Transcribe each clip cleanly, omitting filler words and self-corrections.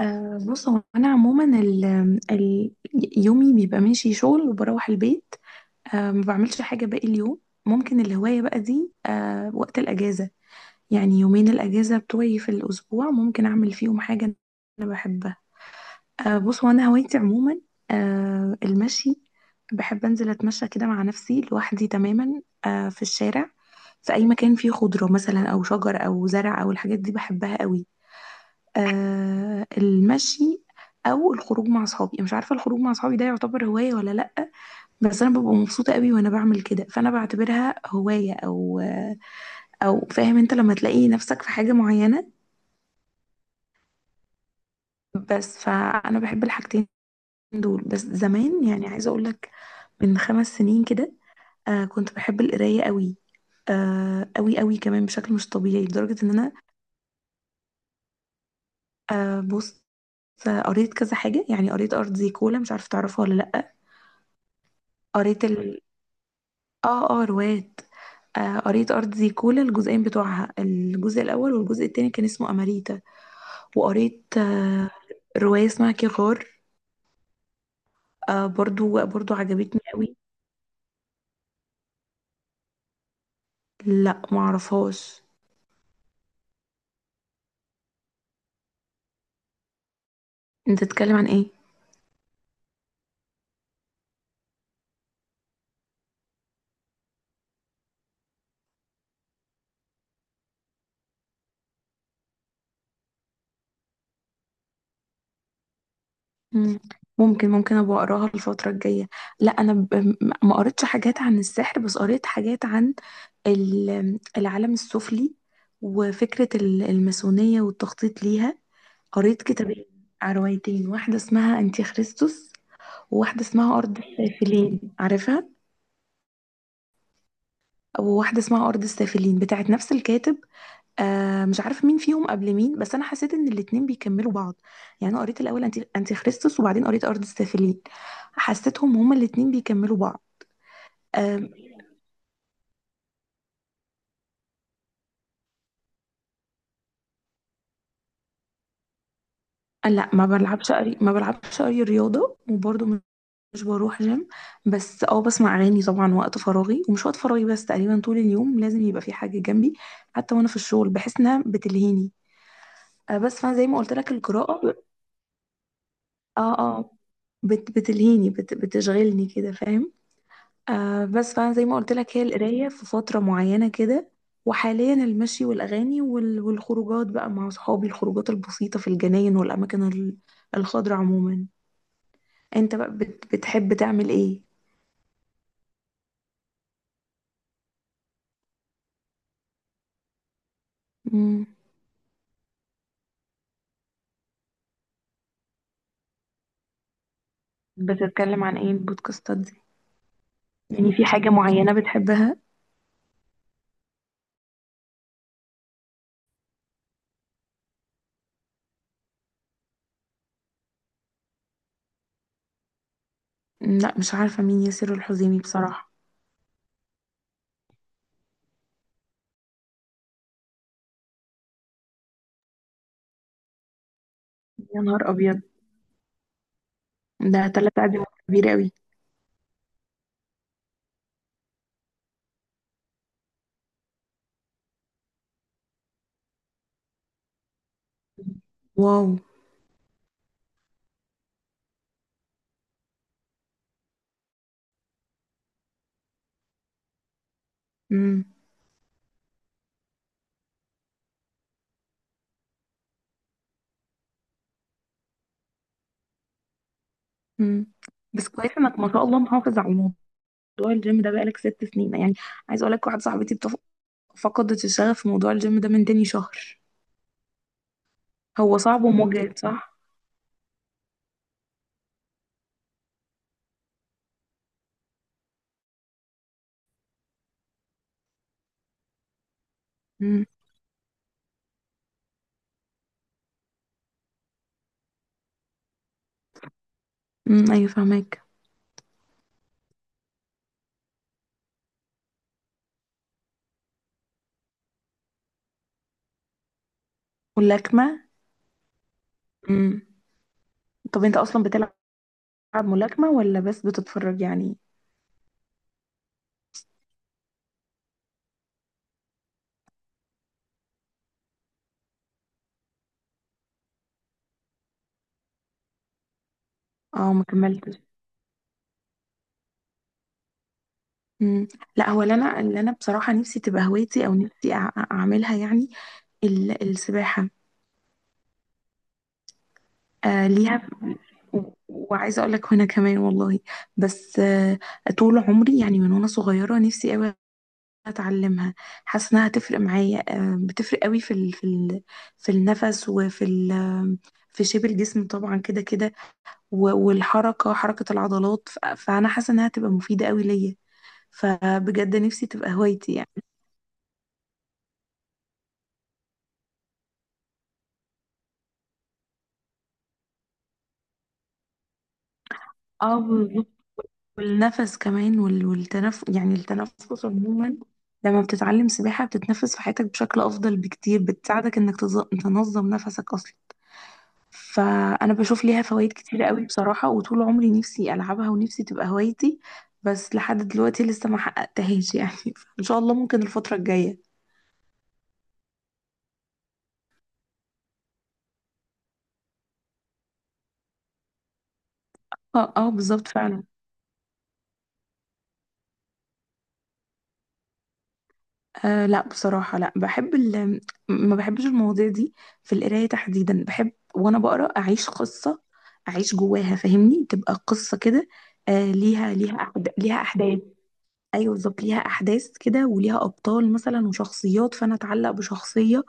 بص، هو انا عموما ال ال يومي بيبقى ماشي شغل وبروح البيت. ما بعملش حاجه باقي اليوم. ممكن الهوايه بقى دي وقت الاجازه، يعني يومين الاجازه بتوعي في الاسبوع ممكن اعمل فيهم حاجه انا بحبها. بص، هو انا هوايتي عموما المشي. بحب انزل اتمشى كده مع نفسي لوحدي تماما، في الشارع، في اي مكان فيه خضره مثلا او شجر او زرع او الحاجات دي بحبها قوي. المشي، او الخروج مع اصحابي. مش عارفه الخروج مع اصحابي ده يعتبر هوايه ولا لا، بس انا ببقى مبسوطه قوي وانا بعمل كده، فانا بعتبرها هوايه، او فاهم انت لما تلاقي نفسك في حاجه معينه. بس فانا بحب الحاجتين دول. بس زمان يعني، عايزه اقول لك، من 5 سنين كده كنت بحب القرايه قوي قوي قوي كمان، بشكل مش طبيعي، لدرجه ان انا... بص. قريت كذا حاجه، يعني قريت ارض زي كولا، مش عارفه تعرفها ولا لا. قريت اه روايات. قريت أرض زيكولا، الجزئين بتوعها: الجزء الأول، والجزء التاني كان اسمه أماريتا. وقريت رواية اسمها كيغار، برضو عجبتني قوي. لا معرفهاش، انت تتكلم عن ايه؟ مم. ممكن ممكن ابقى اقراها الفترة الجاية. لا، انا ما قريتش حاجات عن السحر، بس قريت حاجات عن العالم السفلي، وفكرة الماسونية والتخطيط ليها. قريت كتابين، روايتين: واحدة اسمها أنتي خريستوس، وواحدة اسمها أرض السافلين، عارفها. وواحدة اسمها أرض السافلين بتاعت نفس الكاتب. آه مش عارفة مين فيهم قبل مين، بس أنا حسيت إن الاتنين بيكملوا بعض. يعني أنا قريت الأول أنتي خريستوس، وبعدين قريت أرض السافلين، حسيتهم هما الاتنين بيكملوا بعض. آه لا، ما بلعبش أي رياضة. وبرضه مش بروح جيم، بس اه بسمع أغاني طبعا وقت فراغي ومش وقت فراغي. بس تقريبا طول اليوم لازم يبقى في حاجة جنبي، حتى وأنا في الشغل بحس إنها بتلهيني. بس فانا زي ما قلت لك القراءة. اه اه، بتلهيني بتشغلني كده، فاهم؟ بس فانا زي ما قلت لك هي القرايه في فتره معينه كده، وحاليا المشي والاغاني والخروجات بقى مع اصحابي، الخروجات البسيطه في الجناين والاماكن الخضراء عموما. انت بقى بتحب تعمل ايه؟ مم. بتتكلم عن ايه البودكاستات دي؟ يعني في حاجه معينه بتحبها؟ مم، لا مش عارفه مين ياسر الحزيمي بصراحه. يا نهار ابيض، ده تلات قاعدين كبير قوي. واو. مم. مم. بس كويس انك ما شاء الله محافظ على موضوع الجيم ده، بقالك 6 سنين يعني. عايز اقول لك واحده صاحبتي فقدت الشغف في موضوع الجيم ده من تاني شهر. هو صعب ومجهد، صح؟ امم. امم، ايوه فهمك. واللكمه. امم. طب انت اصلا بتلعب ملاكمه ولا بس بتتفرج يعني؟ اه ما كملتش. امم. لا هو اللي انا بصراحه نفسي تبقى هوايتي، او نفسي اعملها يعني، السباحه. آه ليها، وعايزه اقول لك وانا كمان والله، بس آه طول عمري يعني من وانا صغيره نفسي قوي اتعلمها. حاسه انها هتفرق معايا، آه بتفرق قوي في النفس، وفي ال في شيب الجسم طبعا كده كده، والحركه، حركه العضلات، فانا حاسه انها هتبقى مفيده قوي ليا. فبجد نفسي تبقى هوايتي يعني. اه، والنفس كمان والتنف يعني التنفس عموما. لما بتتعلم سباحة بتتنفس في حياتك بشكل أفضل بكتير، بتساعدك إنك تنظم نفسك أصلا. فأنا بشوف ليها فوائد كتيرة قوي بصراحة، وطول عمري نفسي ألعبها ونفسي تبقى هوايتي، بس لحد دلوقتي لسه ما حققتهاش يعني. إن شاء الله ممكن الفترة الجاية. اه اه، بالظبط فعلا. أه لا بصراحة، لا بحب ما بحبش المواضيع دي. في القراية تحديدا، بحب وأنا بقرأ أعيش قصة، أعيش جواها فاهمني، تبقى قصة كده. أه ليها، ليها أحداث. أيوة بالظبط، ليها أحداث كده، وليها أبطال مثلا، وشخصيات، فأنا أتعلق بشخصية.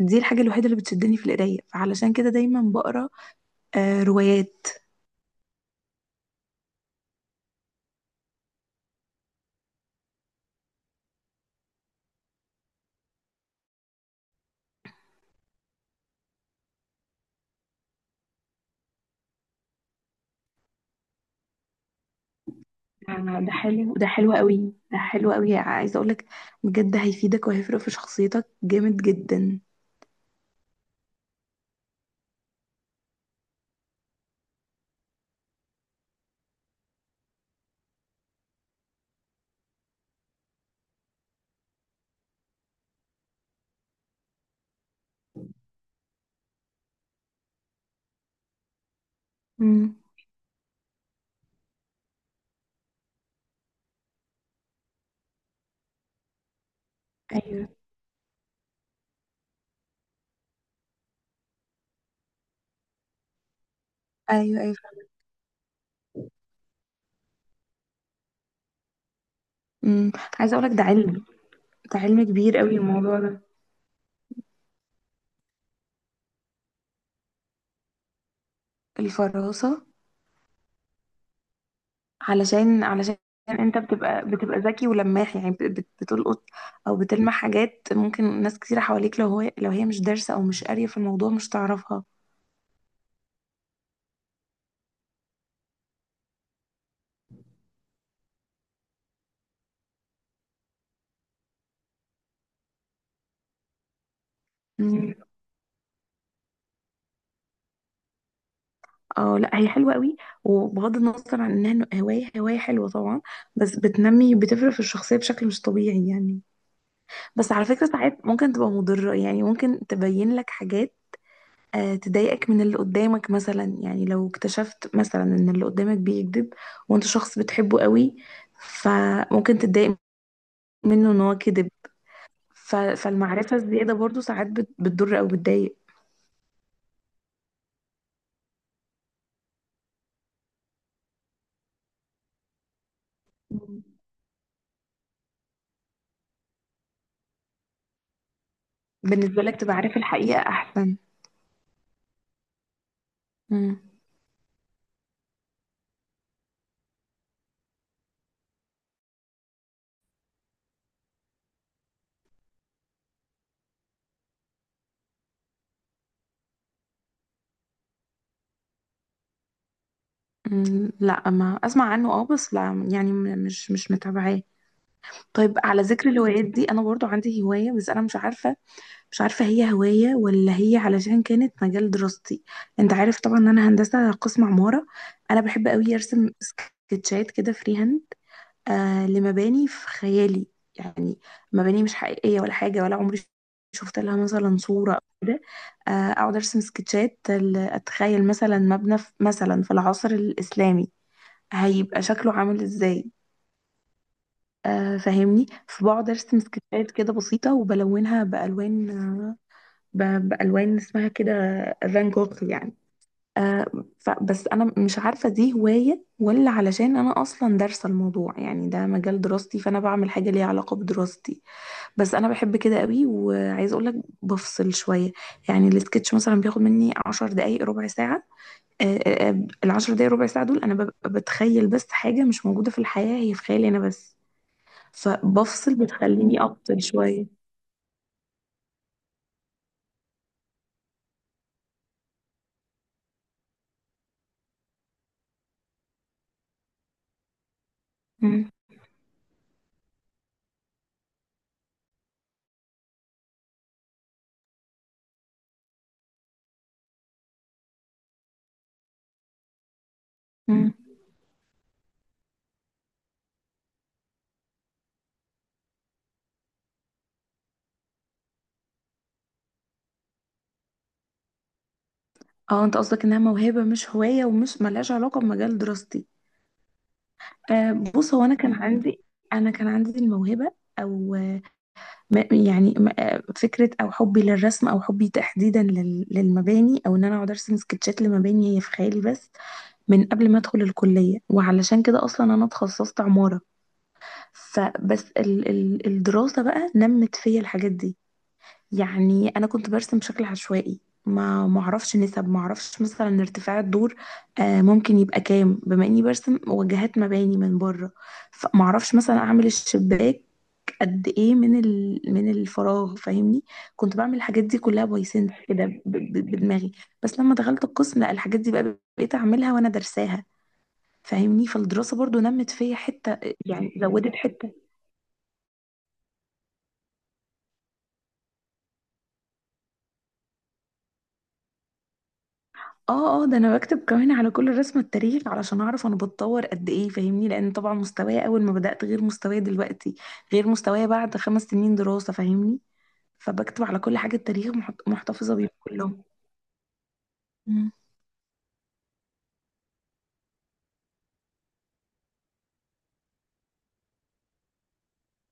دي الحاجة الوحيدة اللي بتشدني في القراية، فعلشان كده دايما بقرأ أه روايات. ده حلو قوي عايزة أقولك بجد هيفيدك، وهيفرق في شخصيتك جامد جدا. مم. ايوه ايوه ايوه. امم. عايزه اقولك ده علم، ده علم كبير قوي الموضوع ده. الفراسه. علشان علشان انت بتبقى ذكي ولماح يعني، بتلقط او بتلمح حاجات ممكن ناس كتير حواليك، لو هو لو هي مش دارسه او مش قاريه في الموضوع مش تعرفها. مم. اه لا هي حلوه قوي، وبغض النظر عن انها هوايه، هوايه حلوه طبعا، بس بتنمي، بتفرق في الشخصيه بشكل مش طبيعي يعني. بس على فكره ساعات ممكن تبقى مضره، يعني ممكن تبين لك حاجات تضايقك من اللي قدامك مثلا. يعني لو اكتشفت مثلا ان اللي قدامك بيكذب وانت شخص بتحبه قوي، فممكن تتضايق منه ان هو كذب. فالمعرفة الزيادة برضو ساعات بتضر او بتضايق. مم. بالنسبة لك تبقى عارف الحقيقة احسن. مم. مم. لا ما اسمع عنه اه، بس لا يعني، مش متابعاه. طيب على ذكر الهوايات دي، انا برضو عندي هواية، بس انا مش عارفة هي هواية ولا هي علشان كانت مجال دراستي. انت عارف طبعا ان انا هندسة قسم عمارة. انا بحب قوي ارسم سكتشات كده فري هاند، آه لمباني في خيالي يعني، مباني مش حقيقية ولا حاجة ولا عمري شفت لها مثلا صورة او كده. آه اقعد ارسم سكتشات اتخيل مثلا مبنى في مثلا في العصر الاسلامي هيبقى شكله عامل ازاي، آه فاهمني، فبقعد ارسم سكتشات كده بسيطة وبلونها بألوان، بألوان اسمها كده فان جوخ يعني. آه، بس أنا مش عارفة دي هواية ولا علشان أنا أصلا دارسة الموضوع، يعني ده مجال دراستي فأنا بعمل حاجة ليها علاقة بدراستي. بس أنا بحب كده قوي، وعايزة أقولك بفصل شوية. يعني السكتش مثلا بياخد مني 10 دقايق ربع ساعة، الـ10 دقايق ربع ساعة دول أنا ببقى بتخيل بس حاجة مش موجودة في الحياة، هي في خيالي أنا بس، فبفصل بتخليني أفصل شوية. مم. مم. اه انت قصدك انها موهبة مش هواية ومش ملهاش علاقة بمجال دراستي. بص، هو انا كان عندي الموهبة، او فكرة او حبي للرسم، او حبي تحديدا للمباني، او ان انا اقعد ارسم سكتشات لمباني هي في خيالي بس، من قبل ما ادخل الكلية، وعلشان كده اصلا انا اتخصصت عمارة. فبس ال ال الدراسة بقى نمت فيا الحاجات دي. يعني انا كنت برسم بشكل عشوائي، ما معرفش نسب، معرفش مثلا ارتفاع الدور ممكن يبقى كام بما اني برسم وجهات مباني من بره، فمعرفش مثلا اعمل الشباك قد ايه من من الفراغ فاهمني. كنت بعمل الحاجات دي كلها باي سنس كده، بدماغي. بس لما دخلت القسم لا، الحاجات دي بقى بقيت اعملها وانا درساها فاهمني. فالدراسة برضو نمت فيا حتة، يعني زودت حتة. اه اه، ده انا بكتب كمان على كل رسمة التاريخ علشان اعرف انا بتطور قد ايه فاهمني، لان طبعا مستواي اول ما بدأت غير مستواي دلوقتي، غير مستواي بعد 5 سنين دراسة فاهمني. فبكتب على كل حاجة التاريخ، محتفظة بيهم كلهم. مم.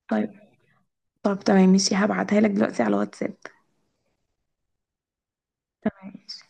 طيب. طب تمام ماشي، هبعتها لك دلوقتي على واتساب. تمام ماشي.